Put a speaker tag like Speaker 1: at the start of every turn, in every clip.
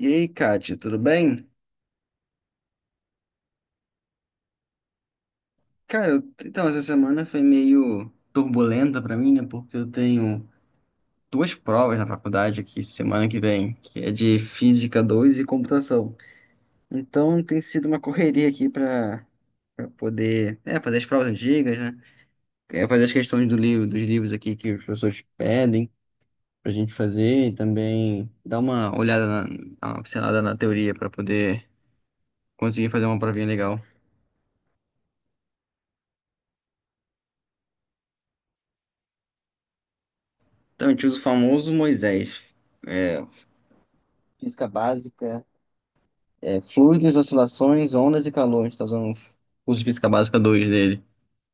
Speaker 1: E aí, Kátia, tudo bem? Cara, então essa semana foi meio turbulenta pra mim, né? Porque eu tenho duas provas na faculdade aqui semana que vem, que é de Física 2 e Computação. Então tem sido uma correria aqui pra poder, fazer as provas antigas, né? Fazer as questões do livro, dos livros aqui que os professores pedem pra gente fazer e também dar uma pincelada na teoria pra poder conseguir fazer uma provinha legal. Então a gente usa o famoso Moisés. É, Física básica, fluidos, oscilações, ondas e calores. Tá usando o curso de física básica 2 dele.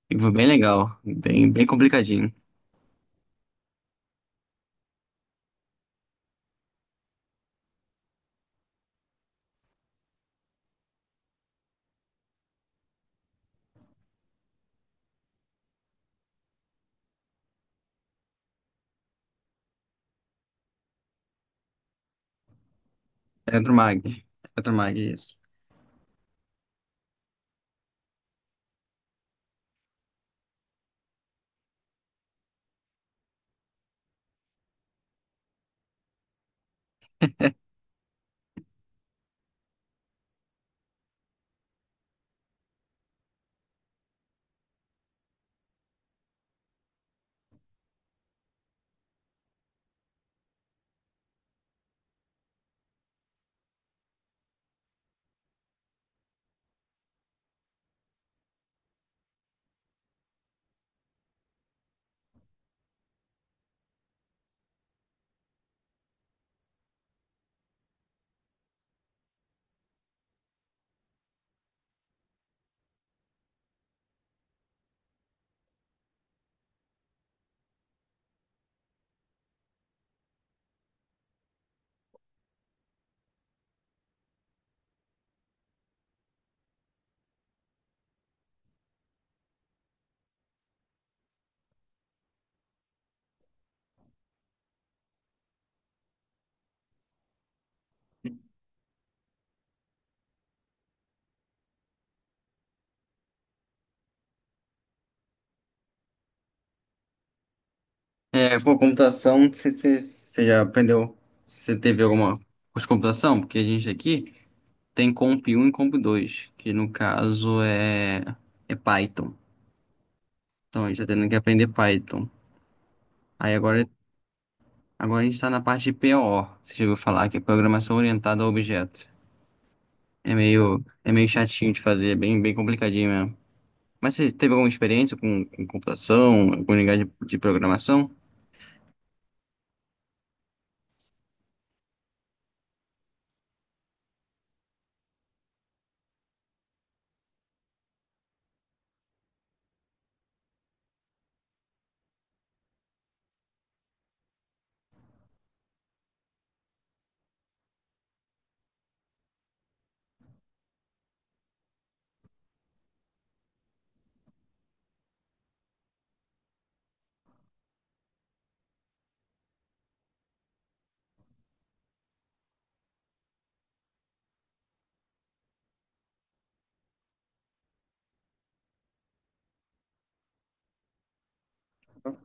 Speaker 1: E foi bem legal, bem, bem complicadinho. Eletromag. Eletromag, isso. É, pô, computação, não sei se você já aprendeu, se você teve alguma curso de computação, porque a gente aqui tem Comp um e Comp 2, que no caso é Python. Então a gente tá tendo que aprender Python. Aí agora, a gente tá na parte de PO, você já ouviu falar, que é Programação Orientada a Objetos. É meio chatinho de fazer, é bem, bem complicadinho mesmo. Mas você teve alguma experiência com computação, com linguagem de programação?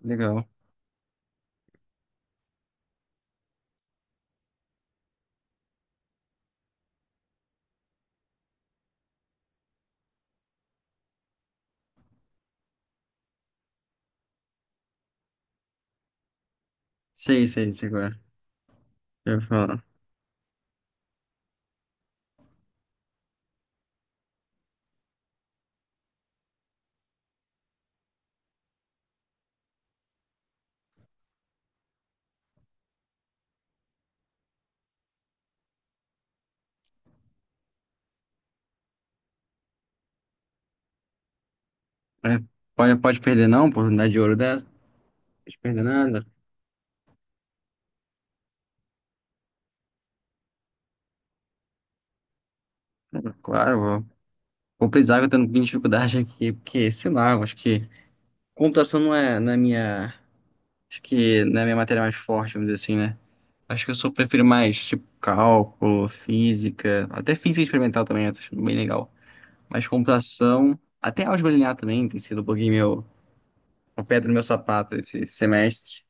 Speaker 1: Legal. Sei, sei, sei qual é. Eu falo. É, pode perder não, oportunidade de ouro dessa. Pode perder nada. Claro, vou precisar, que eu tô tendo dificuldade aqui, porque, sei lá, eu acho que computação não é na minha, acho que não é a minha matéria mais forte, vamos dizer assim, né? Acho que eu sou, prefiro mais, tipo, cálculo, física, até física experimental também, eu tô achando bem legal. Mas computação, até álgebra linear também tem sido um pouquinho meu, uma pedra no meu sapato esse semestre.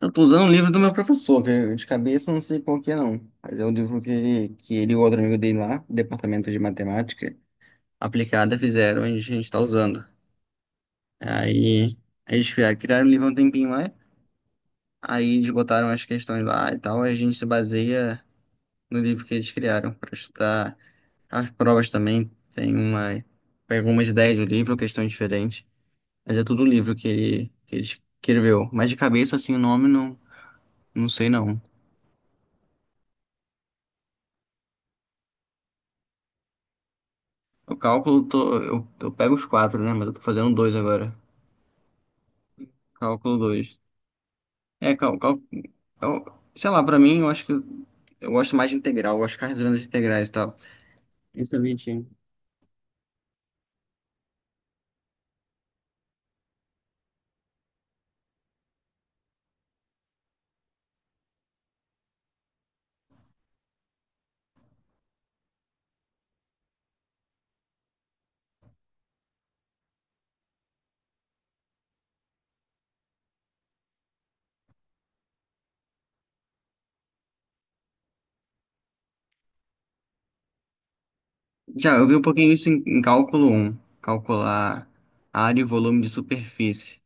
Speaker 1: Eu tô usando um livro do meu professor, que de cabeça eu não sei qual que é não, mas é um livro que ele e o outro amigo dele lá, do Departamento de Matemática Aplicada, fizeram e a gente tá usando. Aí eles criaram o livro há um tempinho lá, aí eles botaram as questões lá e tal, aí a gente se baseia no livro que eles criaram para estudar as provas também, tem uma, pega algumas ideias do livro, questões diferentes. Mas é tudo livro que ele escreveu. Mas de cabeça, assim, o nome não, não sei não. O cálculo, eu pego os quatro, né? Mas eu tô fazendo dois agora. Cálculo dois. É, cal, eu- sei lá, pra mim, eu acho que eu gosto mais de integral. Eu gosto de ficar resolvendo as integrais e tal. Isso é bonitinho. Já, eu vi um pouquinho isso em cálculo um. Calcular área e volume de superfície.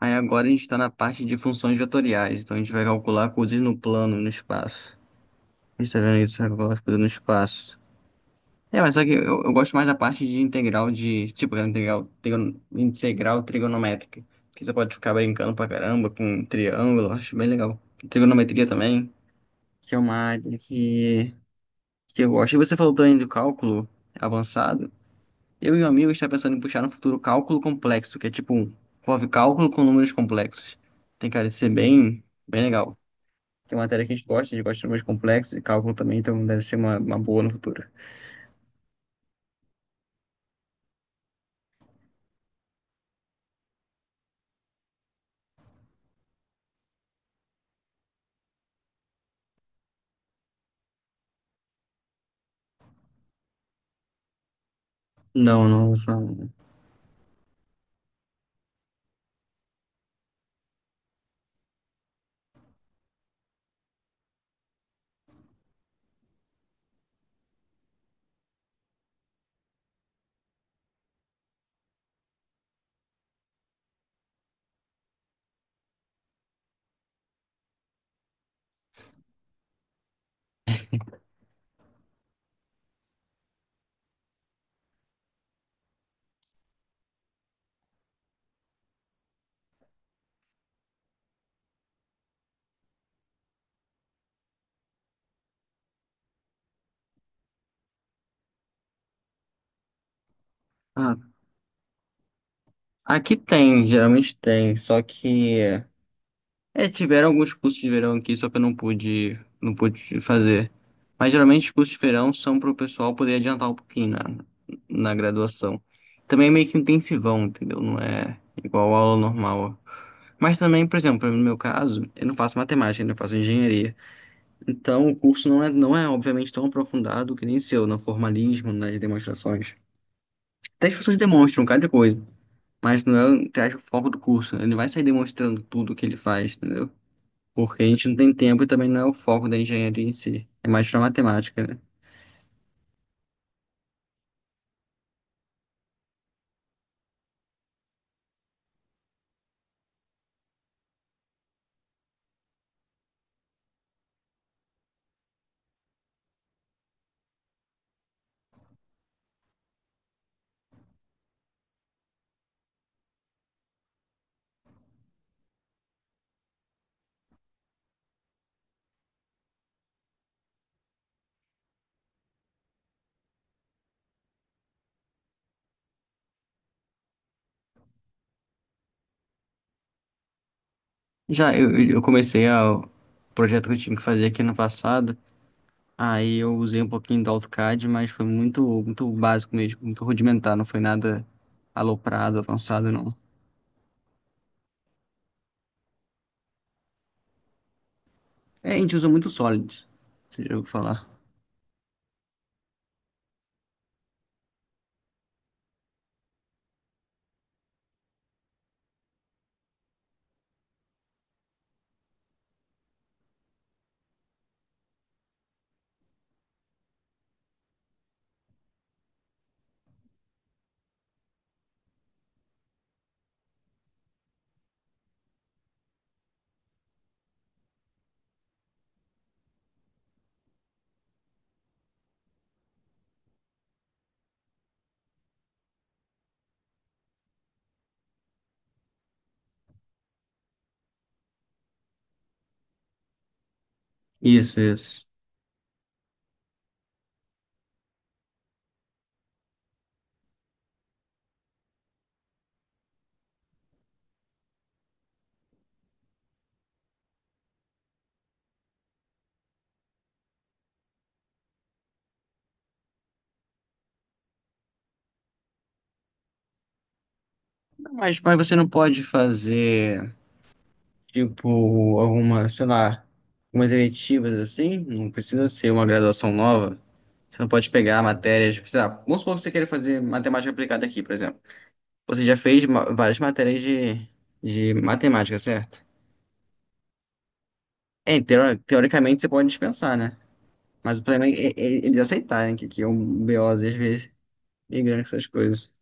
Speaker 1: Aí agora a gente está na parte de funções vetoriais. Então a gente vai calcular coisas no plano, no espaço. A gente tá vendo isso agora, coisas no espaço. É, mas só que eu gosto mais da parte de integral de, tipo, integral trigonométrica. Que você pode ficar brincando pra caramba com triângulo, acho bem legal. Trigonometria também, que é uma área que eu gosto. E você falou também do cálculo avançado. Eu e um amigo está pensando em puxar no futuro cálculo complexo, que é tipo, envolve cálculo com números complexos. Tem cara de ser bem, bem legal. Que é uma matéria que a gente gosta de números complexos e cálculo também, então deve ser uma, boa no futuro. Não, não, não. Ah, aqui tem, geralmente tem, só que tiveram alguns cursos de verão aqui, só que eu não pude, não pude fazer. Mas geralmente os cursos de verão são para o pessoal poder adiantar um pouquinho na graduação. Também é meio que intensivão, entendeu? Não é igual a aula normal. Mas também, por exemplo, no meu caso, eu não faço matemática, eu faço engenharia. Então o curso não é, não é obviamente tão aprofundado que nem o seu, no formalismo, nas demonstrações. Até as pessoas demonstram cada coisa, mas não é, entre aspas, o foco do curso. Ele não vai sair demonstrando tudo o que ele faz, entendeu? Porque a gente não tem tempo e também não é o foco da engenharia em si. É mais pra matemática, né? Já eu, eu comecei o projeto que eu tive que fazer aqui no passado. Aí eu usei um pouquinho do AutoCAD, mas foi muito, muito básico mesmo, muito rudimentar, não foi nada aloprado, avançado, não. É, a gente usa muito Solid, se eu falar. Isso, isso. Mas você não pode fazer? Tipo, algumas sei lá, algumas eletivas assim, não precisa ser uma graduação nova. Você não pode pegar matérias, tipo, sei lá, vamos supor que você queira fazer matemática aplicada aqui, por exemplo. Você já fez várias matérias de matemática, certo? É, teoricamente você pode dispensar, né? Mas o problema é, é eles aceitarem que é um BOzinho, às vezes, migrando com essas coisas.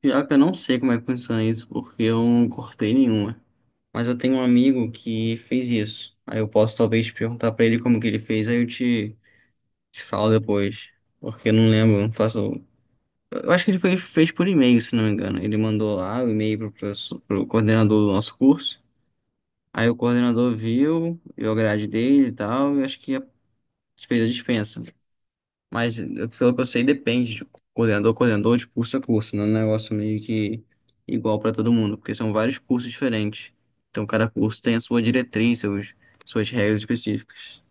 Speaker 1: Pior que eu não sei como é que funciona isso, porque eu não cortei nenhuma. Mas eu tenho um amigo que fez isso. Aí eu posso talvez te perguntar pra ele como que ele fez, aí eu te falo depois. Porque eu não lembro, não faço. Eu acho que ele foi, fez por e-mail, se não me engano. Ele mandou lá o e-mail pro, pro coordenador do nosso curso. Aí o coordenador viu, a grade dele e tal, e acho que fez a dispensa. Mas pelo que eu sei, depende de coordenador, a coordenador, de curso a curso. Não é um negócio meio que igual para todo mundo, porque são vários cursos diferentes. Então cada curso tem a sua diretriz, seus, suas regras específicas.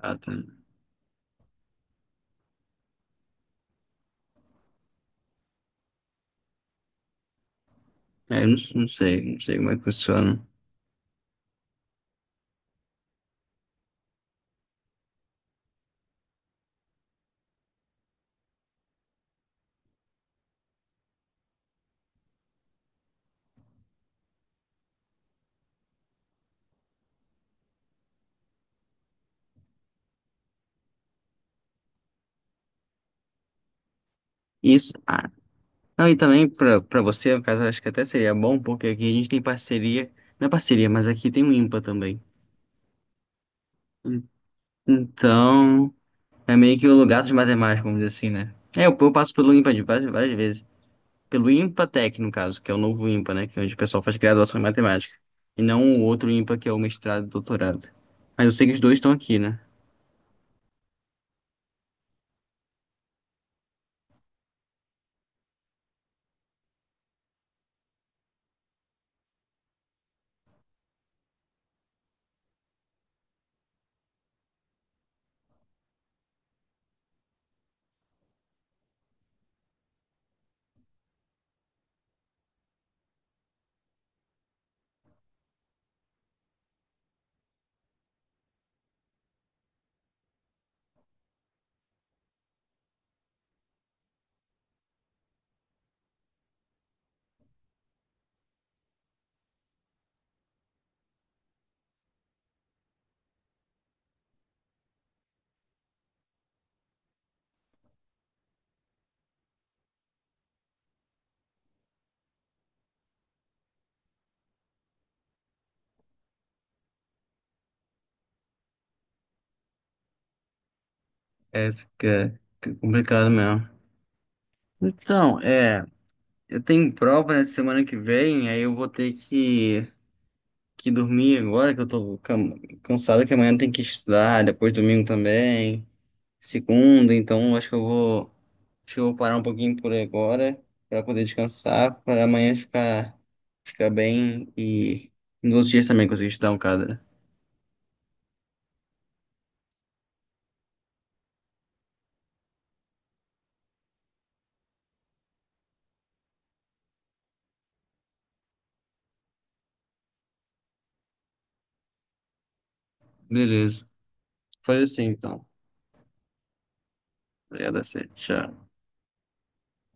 Speaker 1: Ah, tá. É, eu não, não sei, não sei como é que funciona. Isso. Ah, não, e também para você, no caso, acho que até seria bom, porque aqui a gente tem parceria. Não é parceria, mas aqui tem o IMPA também. Hum. Então, é meio que o lugar dos matemáticos, vamos dizer assim, né? É, eu passo pelo IMPA de várias, várias vezes. Pelo IMPATEC, no caso, que é o novo IMPA, né? Que é onde o pessoal faz graduação em matemática. E não o outro IMPA, que é o mestrado e doutorado. Mas eu sei que os dois estão aqui, né? É, fica, fica complicado mesmo. Então, eu tenho prova na semana que vem, aí eu vou ter que dormir agora, que eu tô cansado, que amanhã tem que estudar, depois domingo também. Segunda, então acho que eu vou parar um pouquinho por agora para poder descansar, para amanhã ficar bem e nos outros dias também conseguir estudar um cadra. Beleza. Faz assim então. Obrigado a você. Tchau.